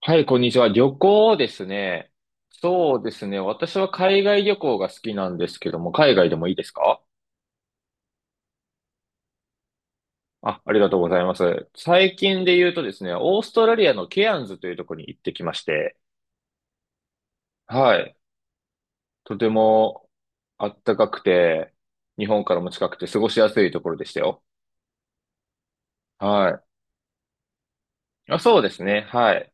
はい、こんにちは。旅行ですね。そうですね。私は海外旅行が好きなんですけども、海外でもいいですか？あ、ありがとうございます。最近で言うとですね、オーストラリアのケアンズというところに行ってきまして、はい。とても暖かくて、日本からも近くて過ごしやすいところでしたよ。はい。あ、そうですね。はい。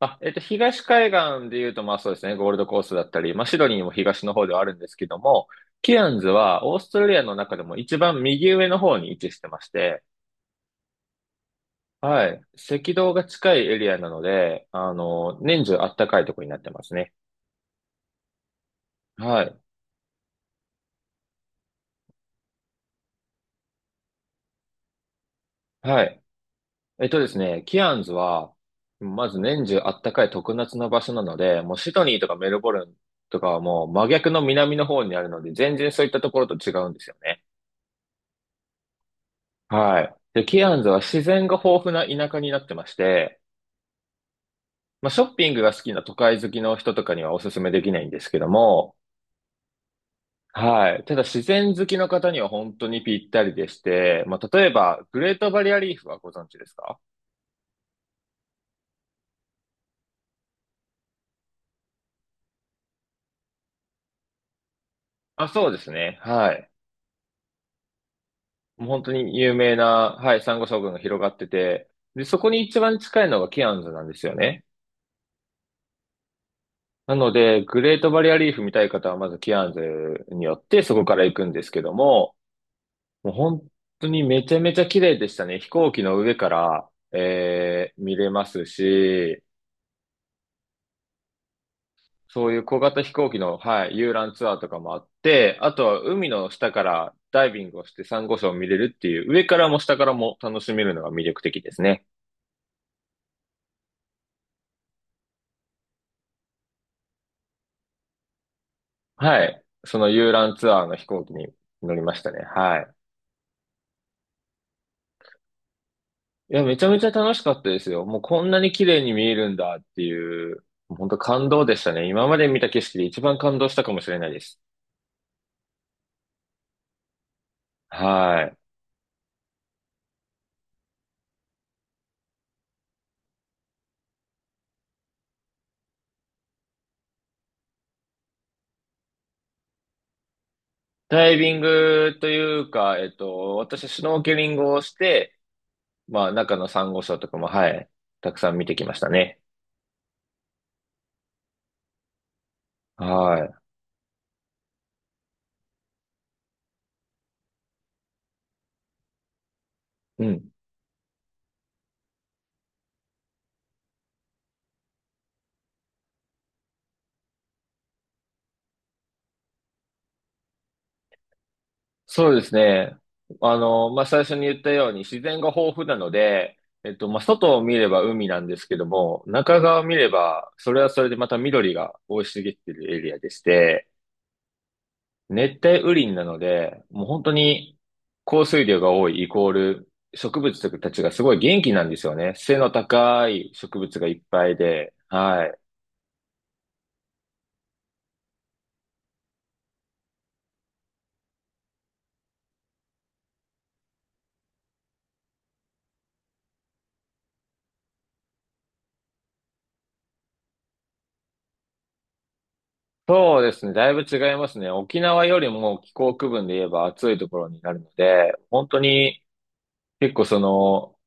あ、東海岸で言うと、まあそうですね、ゴールドコーストだったり、まあシドニーも東の方ではあるんですけども、ケアンズはオーストラリアの中でも一番右上の方に位置してまして、はい、赤道が近いエリアなので、年中あったかいところになってますね。はい、はい。えっとですね、キアンズは、まず年中あったかい特夏の場所なので、もうシドニーとかメルボルンとかはもう真逆の南の方にあるので、全然そういったところと違うんですよね。はい。で、キアンズは自然が豊富な田舎になってまして、まあ、ショッピングが好きな都会好きの人とかにはおすすめできないんですけども、はい。ただ自然好きの方には本当にぴったりでして、まあ、例えば、グレートバリアリーフはご存知ですか？あ、そうですね。はい。もう本当に有名な、はい、サンゴ礁群が広がってて、で、そこに一番近いのがキアンズなんですよね。なので、グレートバリアリーフ見たい方は、まずキアンズによってそこから行くんですけども、もう本当にめちゃめちゃ綺麗でしたね。飛行機の上から、見れますし、そういう小型飛行機の、はい、遊覧ツアーとかもあって、あとは海の下からダイビングをしてサンゴ礁を見れるっていう、上からも下からも楽しめるのが魅力的ですね。はい。その遊覧ツアーの飛行機に乗りましたね。はい。いや、めちゃめちゃ楽しかったですよ。もうこんなに綺麗に見えるんだっていう、もう本当感動でしたね。今まで見た景色で一番感動したかもしれないです。はい。ダイビングというか、私はシュノーケリングをして、まあ、中のサンゴ礁とかも、はい、たくさん見てきましたね。はい。うん。そうですね。まあ、最初に言ったように自然が豊富なので、まあ、外を見れば海なんですけども、中側を見れば、それはそれでまた緑が生い茂っているエリアでして、熱帯雨林なので、もう本当に降水量が多いイコール植物たちがすごい元気なんですよね。背の高い植物がいっぱいで。はい。そうですね。だいぶ違いますね。沖縄よりも気候区分で言えば暑いところになるので、本当に結構その、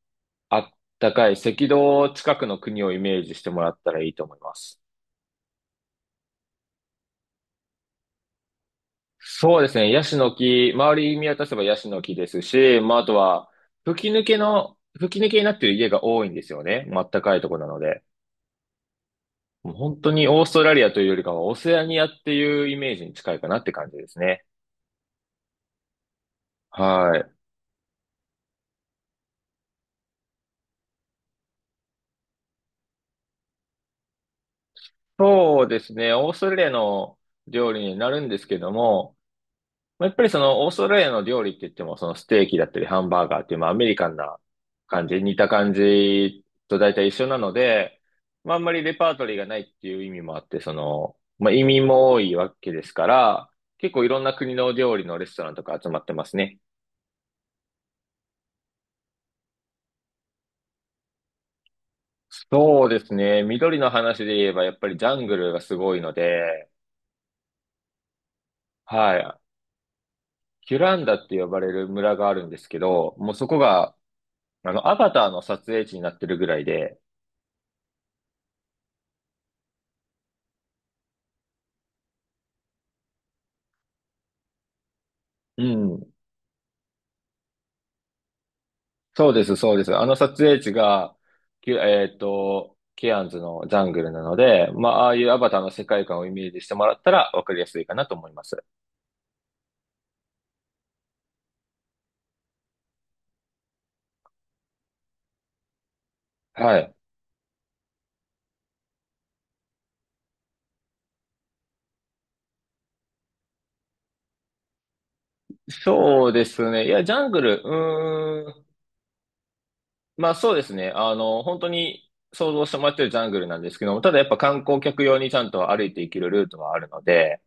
あったかい赤道近くの国をイメージしてもらったらいいと思います。そうですね。ヤシの木、周り見渡せばヤシの木ですし、まあ、あとは、吹き抜けになっている家が多いんですよね。まあっかいところなので。もう本当にオーストラリアというよりかは、オセアニアっていうイメージに近いかなって感じですね。はい。そうですね。オーストラリアの料理になるんですけども、まあ、やっぱりそのオーストラリアの料理って言っても、そのステーキだったりハンバーガーっていう、まあアメリカンな感じ、似た感じと大体一緒なので、まああんまりレパートリーがないっていう意味もあって、その、まあ移民も多いわけですから、結構いろんな国の料理のレストランとか集まってますね。そうですね。緑の話で言えば、やっぱりジャングルがすごいので、はい。キュランダって呼ばれる村があるんですけど、もうそこが、アバターの撮影地になってるぐらいで、うん。そうです、そうです。あの撮影地が、きゅえっと、ケアンズのジャングルなので、まあ、ああいうアバターの世界観をイメージしてもらったらわかりやすいかなと思います。はい。そうですね。いや、ジャングル、うーん。まあそうですね。本当に想像してもらってるジャングルなんですけども、ただやっぱ観光客用にちゃんと歩いていけるルートはあるので、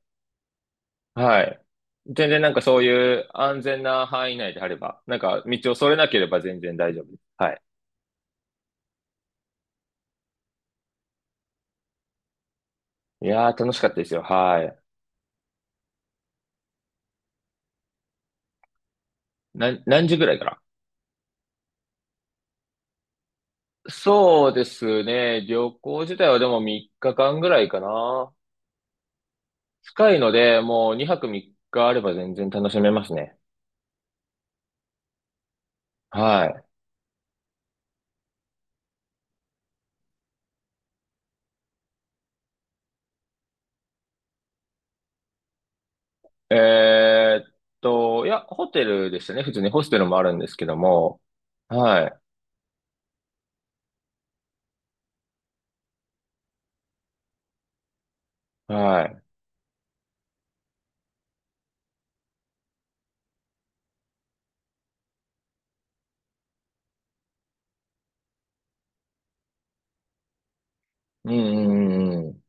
はい。全然なんかそういう安全な範囲内であれば、なんか道をそれなければ全然大丈夫です。はい。いやー楽しかったですよ。はい。何時ぐらいから？そうですね。旅行自体はでも3日間ぐらいかな。近いので、もう2泊3日あれば全然楽しめますね。はい。えーっと、いや、ホテルでしたね。普通にホステルもあるんですけども。はい。はい。うんうんうんうん。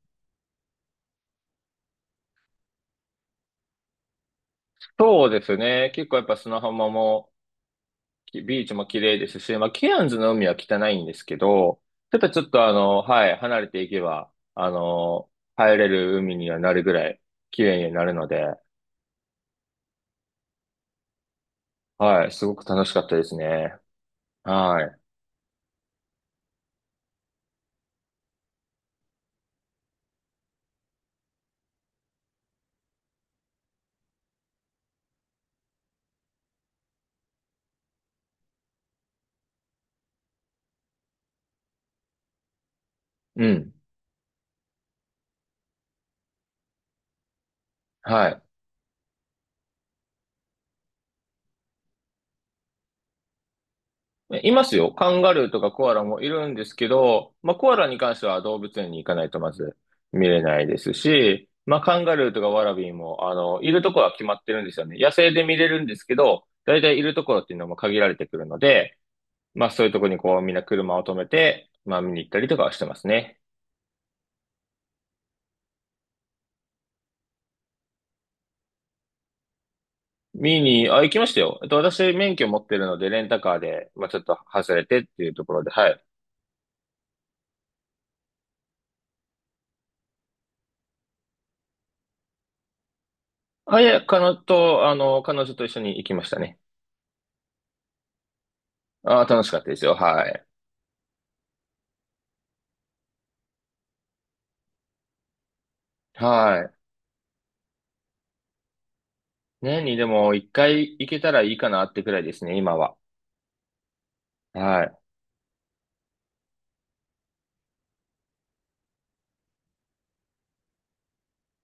そうですね。結構やっぱ砂浜も、きビーチも綺麗ですし、まあ、ケアンズの海は汚いんですけど、ただちょっとあの、はい、離れていけば、あの、入れる海にはなるぐらい綺麗になるので、はい、すごく楽しかったですね。はい。うん。はい。いますよ。カンガルーとかコアラもいるんですけど、まあ、コアラに関しては動物園に行かないとまず見れないですし、まあ、カンガルーとかワラビーも、いるところは決まってるんですよね。野生で見れるんですけど、だいたいいるところっていうのも限られてくるので、まあそういうとこにこうみんな車を止めて、まあ見に行ったりとかはしてますね。見に、あ、行きましたよ。私免許持ってるので、レンタカーで、まあちょっと外れてっていうところで、はい。彼女と一緒に行きましたね。あ、楽しかったですよ。はい。はい。年にでも一回行けたらいいかなってくらいですね、今は。はい。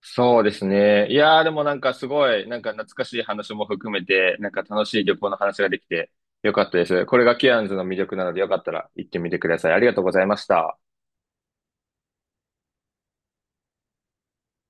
そうですね。いやー、でもなんかすごい、なんか懐かしい話も含めて、なんか楽しい旅行の話ができてよかったです。これがケアンズの魅力なのでよかったら行ってみてください。ありがとうございました。